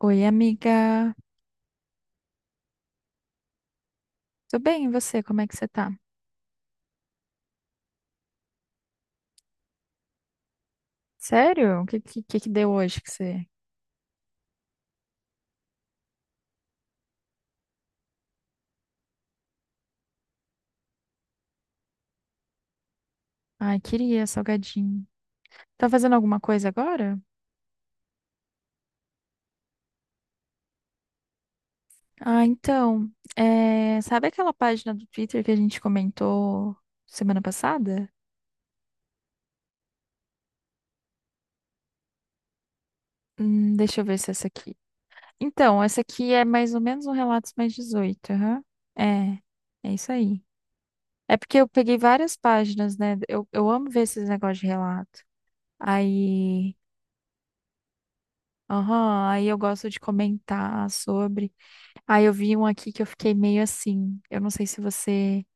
Oi, amiga. Tudo bem, e você? Como é que você tá? Sério? O que que deu hoje que você... Ai, queria salgadinho. Tá fazendo alguma coisa agora? Ah, então, é, sabe aquela página do Twitter que a gente comentou semana passada? Deixa eu ver se é essa aqui. Então, essa aqui é mais ou menos um Relatos Mais 18, aham. É, é isso aí. É porque eu peguei várias páginas, né? Eu amo ver esses negócios de relato. Aí Aham, aí eu gosto de comentar sobre. Ah, eu vi um aqui que eu fiquei meio assim. Eu não sei se você.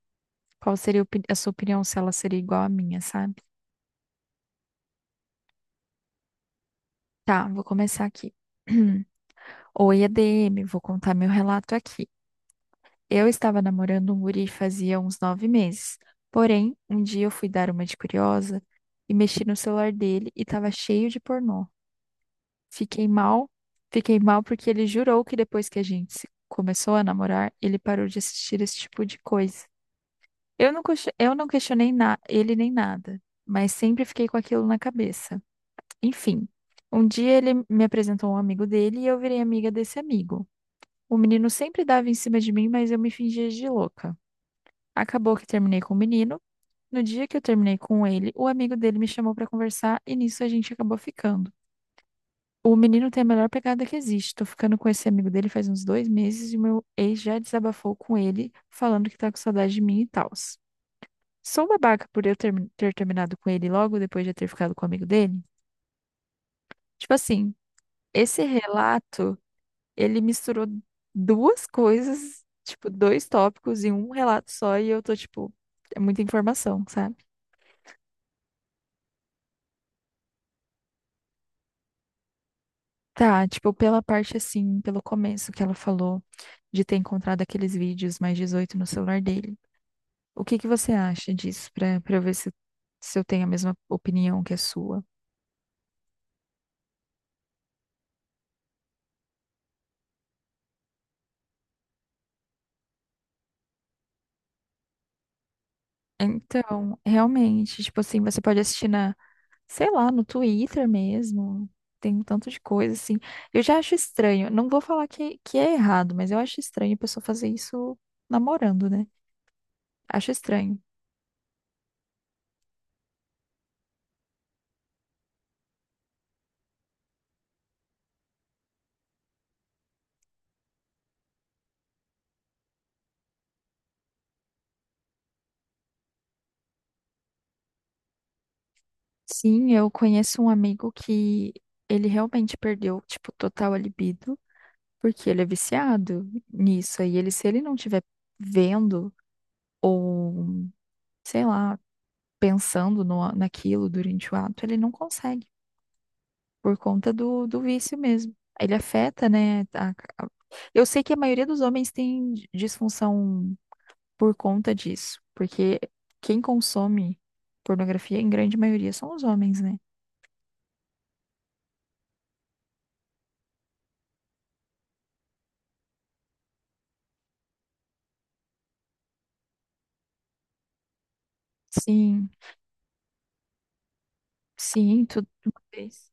Qual seria a sua opinião, se ela seria igual à minha, sabe? Tá, vou começar aqui. Oi, EDM, vou contar meu relato aqui. Eu estava namorando um guri fazia uns 9 meses. Porém, um dia eu fui dar uma de curiosa e mexi no celular dele e tava cheio de pornô. Fiquei mal, fiquei mal porque ele jurou que depois que a gente se- começou a namorar, ele parou de assistir esse tipo de coisa. Eu não questionei ele nem nada, mas sempre fiquei com aquilo na cabeça. Enfim, um dia ele me apresentou um amigo dele e eu virei amiga desse amigo. O menino sempre dava em cima de mim, mas eu me fingia de louca. Acabou que terminei com o menino. No dia que eu terminei com ele, o amigo dele me chamou pra conversar e nisso a gente acabou ficando. O menino tem a melhor pegada que existe. Tô ficando com esse amigo dele faz uns 2 meses e meu ex já desabafou com ele, falando que tá com saudade de mim e tals. Sou babaca por eu ter terminado com ele logo depois de eu ter ficado com o amigo dele? Tipo assim, esse relato, ele misturou duas coisas, tipo, dois tópicos em um relato só e eu tô, tipo, é muita informação, sabe? Tá, tipo, pela parte assim, pelo começo que ela falou de ter encontrado aqueles vídeos mais 18 no celular dele. O que que você acha disso para ver se, se eu tenho a mesma opinião que a sua? Então, realmente, tipo assim, você pode assistir sei lá, no Twitter mesmo. Tem um tanto de coisa assim. Eu já acho estranho. Não vou falar que é errado, mas eu acho estranho a pessoa fazer isso namorando, né? Acho estranho. Sim, eu conheço um amigo que ele realmente perdeu, tipo, total a libido, porque ele é viciado nisso. Aí ele, se ele não tiver vendo ou sei lá, pensando no, naquilo durante o ato, ele não consegue, por conta do vício mesmo. Ele afeta, né? Eu sei que a maioria dos homens tem disfunção por conta disso, porque quem consome pornografia, em grande maioria, são os homens, né? Sim, sim, tudo de uma vez.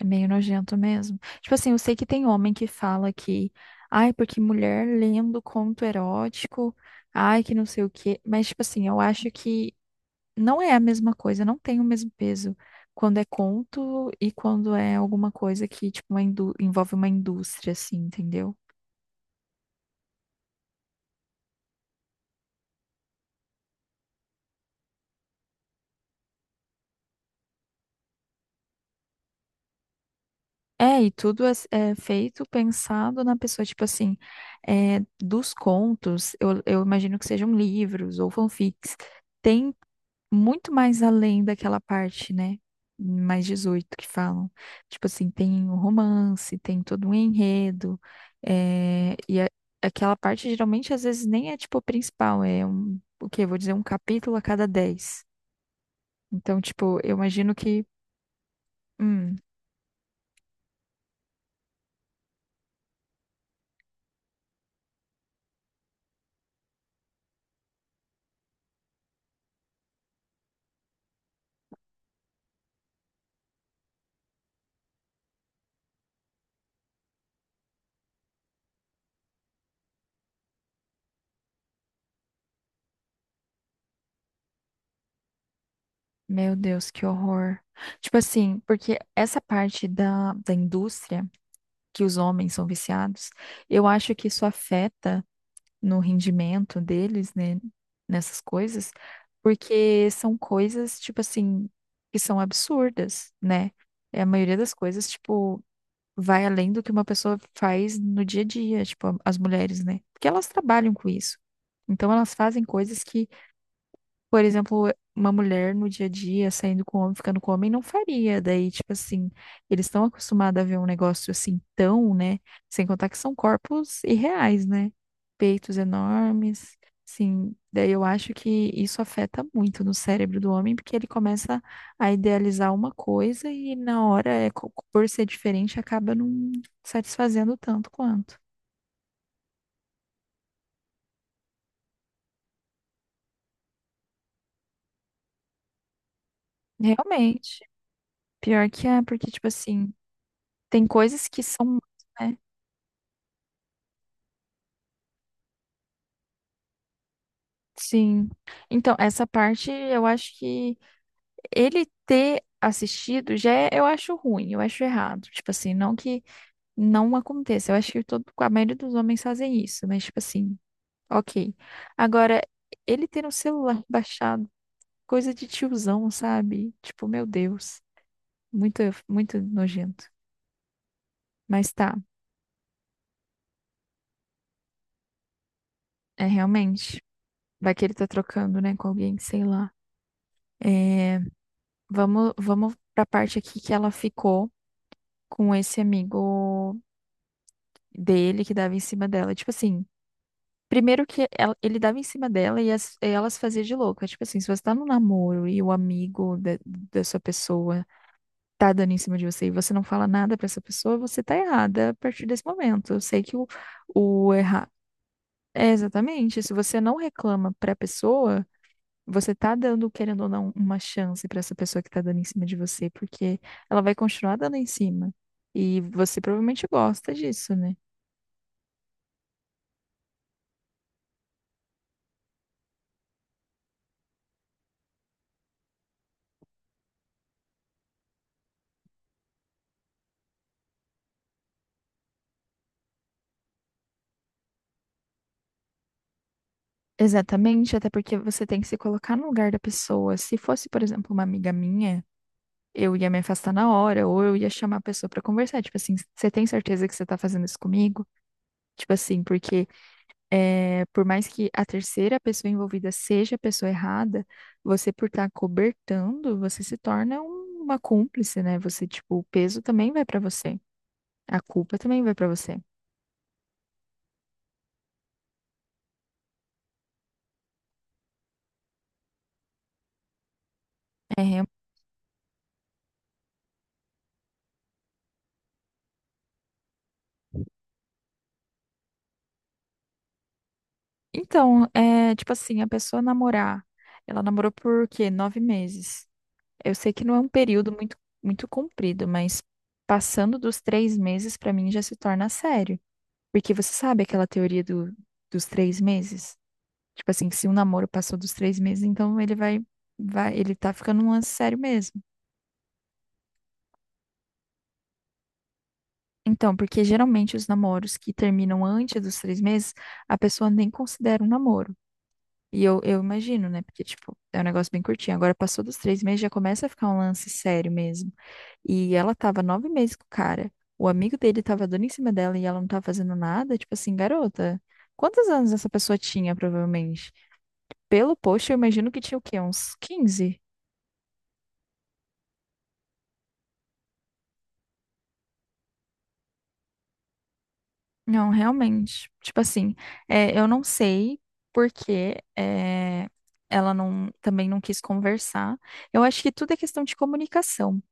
É meio nojento mesmo. Tipo assim, eu sei que tem homem que fala que, ai, porque mulher lendo conto erótico, ai, que não sei o quê. Mas, tipo assim, eu acho que não é a mesma coisa, não tem o mesmo peso quando é conto e quando é alguma coisa que, tipo, envolve uma indústria, assim, entendeu? É, e tudo é feito pensado na pessoa, tipo assim, é, dos contos, eu imagino que sejam livros ou fanfics, tem muito mais além daquela parte, né? Mais 18 que falam. Tipo assim, tem o romance, tem todo um enredo. eh, e a- aquela parte geralmente às vezes nem é tipo a principal, é um, o quê? Vou dizer um capítulo a cada 10. Então, tipo, eu imagino que, hum, meu Deus, que horror. Tipo assim, porque essa parte da indústria que os homens são viciados, eu acho que isso afeta no rendimento deles, né, nessas coisas, porque são coisas, tipo assim, que são absurdas, né? É, a maioria das coisas, tipo, vai além do que uma pessoa faz no dia a dia, tipo, as mulheres, né? Porque elas trabalham com isso. Então, elas fazem coisas que por exemplo, uma mulher no dia a dia saindo com o homem, ficando com o homem, não faria. Daí, tipo assim, eles estão acostumados a ver um negócio assim tão, né? Sem contar que são corpos irreais, né? Peitos enormes, sim. Daí eu acho que isso afeta muito no cérebro do homem, porque ele começa a idealizar uma coisa e na hora, por ser diferente, acaba não satisfazendo tanto quanto. Realmente. Pior que é, porque, tipo assim, tem coisas que são. Né, Sim. Então, essa parte eu acho que ele ter assistido já eu acho ruim, eu acho errado. Tipo assim, não que não aconteça. Eu acho que todo, a maioria dos homens fazem isso, mas tipo assim, ok. Agora, ele ter um celular baixado, coisa de tiozão, sabe? Tipo, meu Deus, muito, muito nojento. Mas tá, é realmente. Vai que ele tá trocando, né, com alguém, sei lá. É, vamos, pra parte aqui que ela ficou com esse amigo dele que dava em cima dela. Tipo assim, primeiro que ele dava em cima dela e elas faziam de louca. Tipo assim, se você tá num namoro e o amigo da sua pessoa tá dando em cima de você e você não fala nada pra essa pessoa, você tá errada a partir desse momento. Eu sei que o errar. É exatamente. Se você não reclama pra pessoa. Você tá dando, querendo ou não, uma chance pra essa pessoa que tá dando em cima de você, porque ela vai continuar dando em cima. E você provavelmente gosta disso, né? Exatamente, até porque você tem que se colocar no lugar da pessoa. Se fosse, por exemplo, uma amiga minha, eu ia me afastar na hora, ou eu ia chamar a pessoa pra conversar. Tipo assim, você tem certeza que você tá fazendo isso comigo? Tipo assim, porque é, por mais que a terceira pessoa envolvida seja a pessoa errada, você por estar cobertando, você se torna uma cúmplice, né? Você, tipo, o peso também vai pra você. A culpa também vai pra você. É, real- então, é, tipo assim, a pessoa namorar, ela namorou por quê? Nove meses. Eu sei que não é um período muito, muito comprido, mas passando dos 3 meses, pra mim já se torna sério. Porque você sabe aquela teoria dos 3 meses? Tipo assim, que se um namoro passou dos 3 meses, então ele vai, ele tá ficando um lance sério mesmo. Então, porque geralmente os namoros que terminam antes dos 3 meses, a pessoa nem considera um namoro. E eu imagino, né? Porque, tipo, é um negócio bem curtinho. Agora passou dos 3 meses, já começa a ficar um lance sério mesmo. E ela tava 9 meses com o cara. O amigo dele tava dando em cima dela e ela não tava fazendo nada. Tipo assim, garota, quantos anos essa pessoa tinha, provavelmente? Pelo post, eu imagino que tinha o quê? Uns 15. Não, realmente. Tipo assim, é, eu não sei porque é, ela não, também não quis conversar. Eu acho que tudo é questão de comunicação.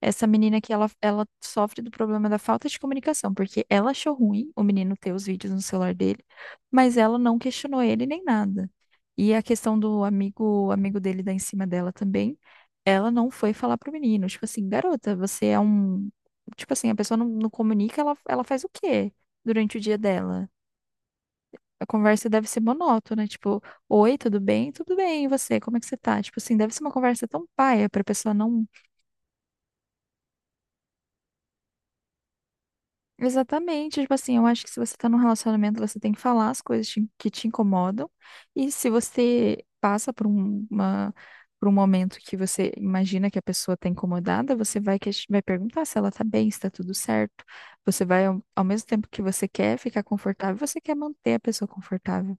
Essa menina que ela sofre do problema da falta de comunicação, porque ela achou ruim o menino ter os vídeos no celular dele, mas ela não questionou ele nem nada. E a questão do amigo, dele dar em cima dela também, ela não foi falar pro menino, tipo assim, garota, você é um, tipo assim, a pessoa não comunica, ela faz o quê durante o dia dela? A conversa deve ser monótona, tipo, oi, tudo bem? Tudo bem, e você? Como é que você tá? Tipo assim, deve ser uma conversa tão paia pra pessoa não. Exatamente, tipo assim, eu acho que se você tá num relacionamento, você tem que falar as coisas que te incomodam. E se você passa por por um momento que você imagina que a pessoa tá incomodada, você vai perguntar se ela tá bem, se tá tudo certo. Você vai, ao mesmo tempo que você quer ficar confortável, você quer manter a pessoa confortável.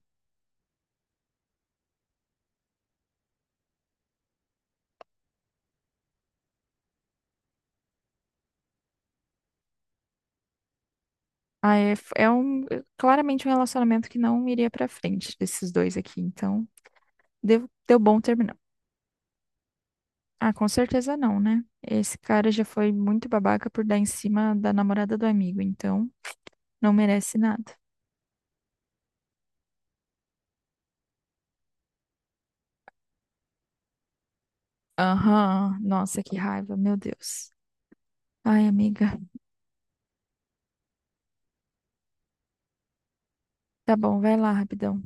É claramente um relacionamento que não iria pra frente desses dois aqui, então deu bom terminar. Ah, com certeza não, né? Esse cara já foi muito babaca por dar em cima da namorada do amigo, então não merece nada. Aham, nossa, que raiva, meu Deus. Ai, amiga. Tá bom, vai lá, rapidão.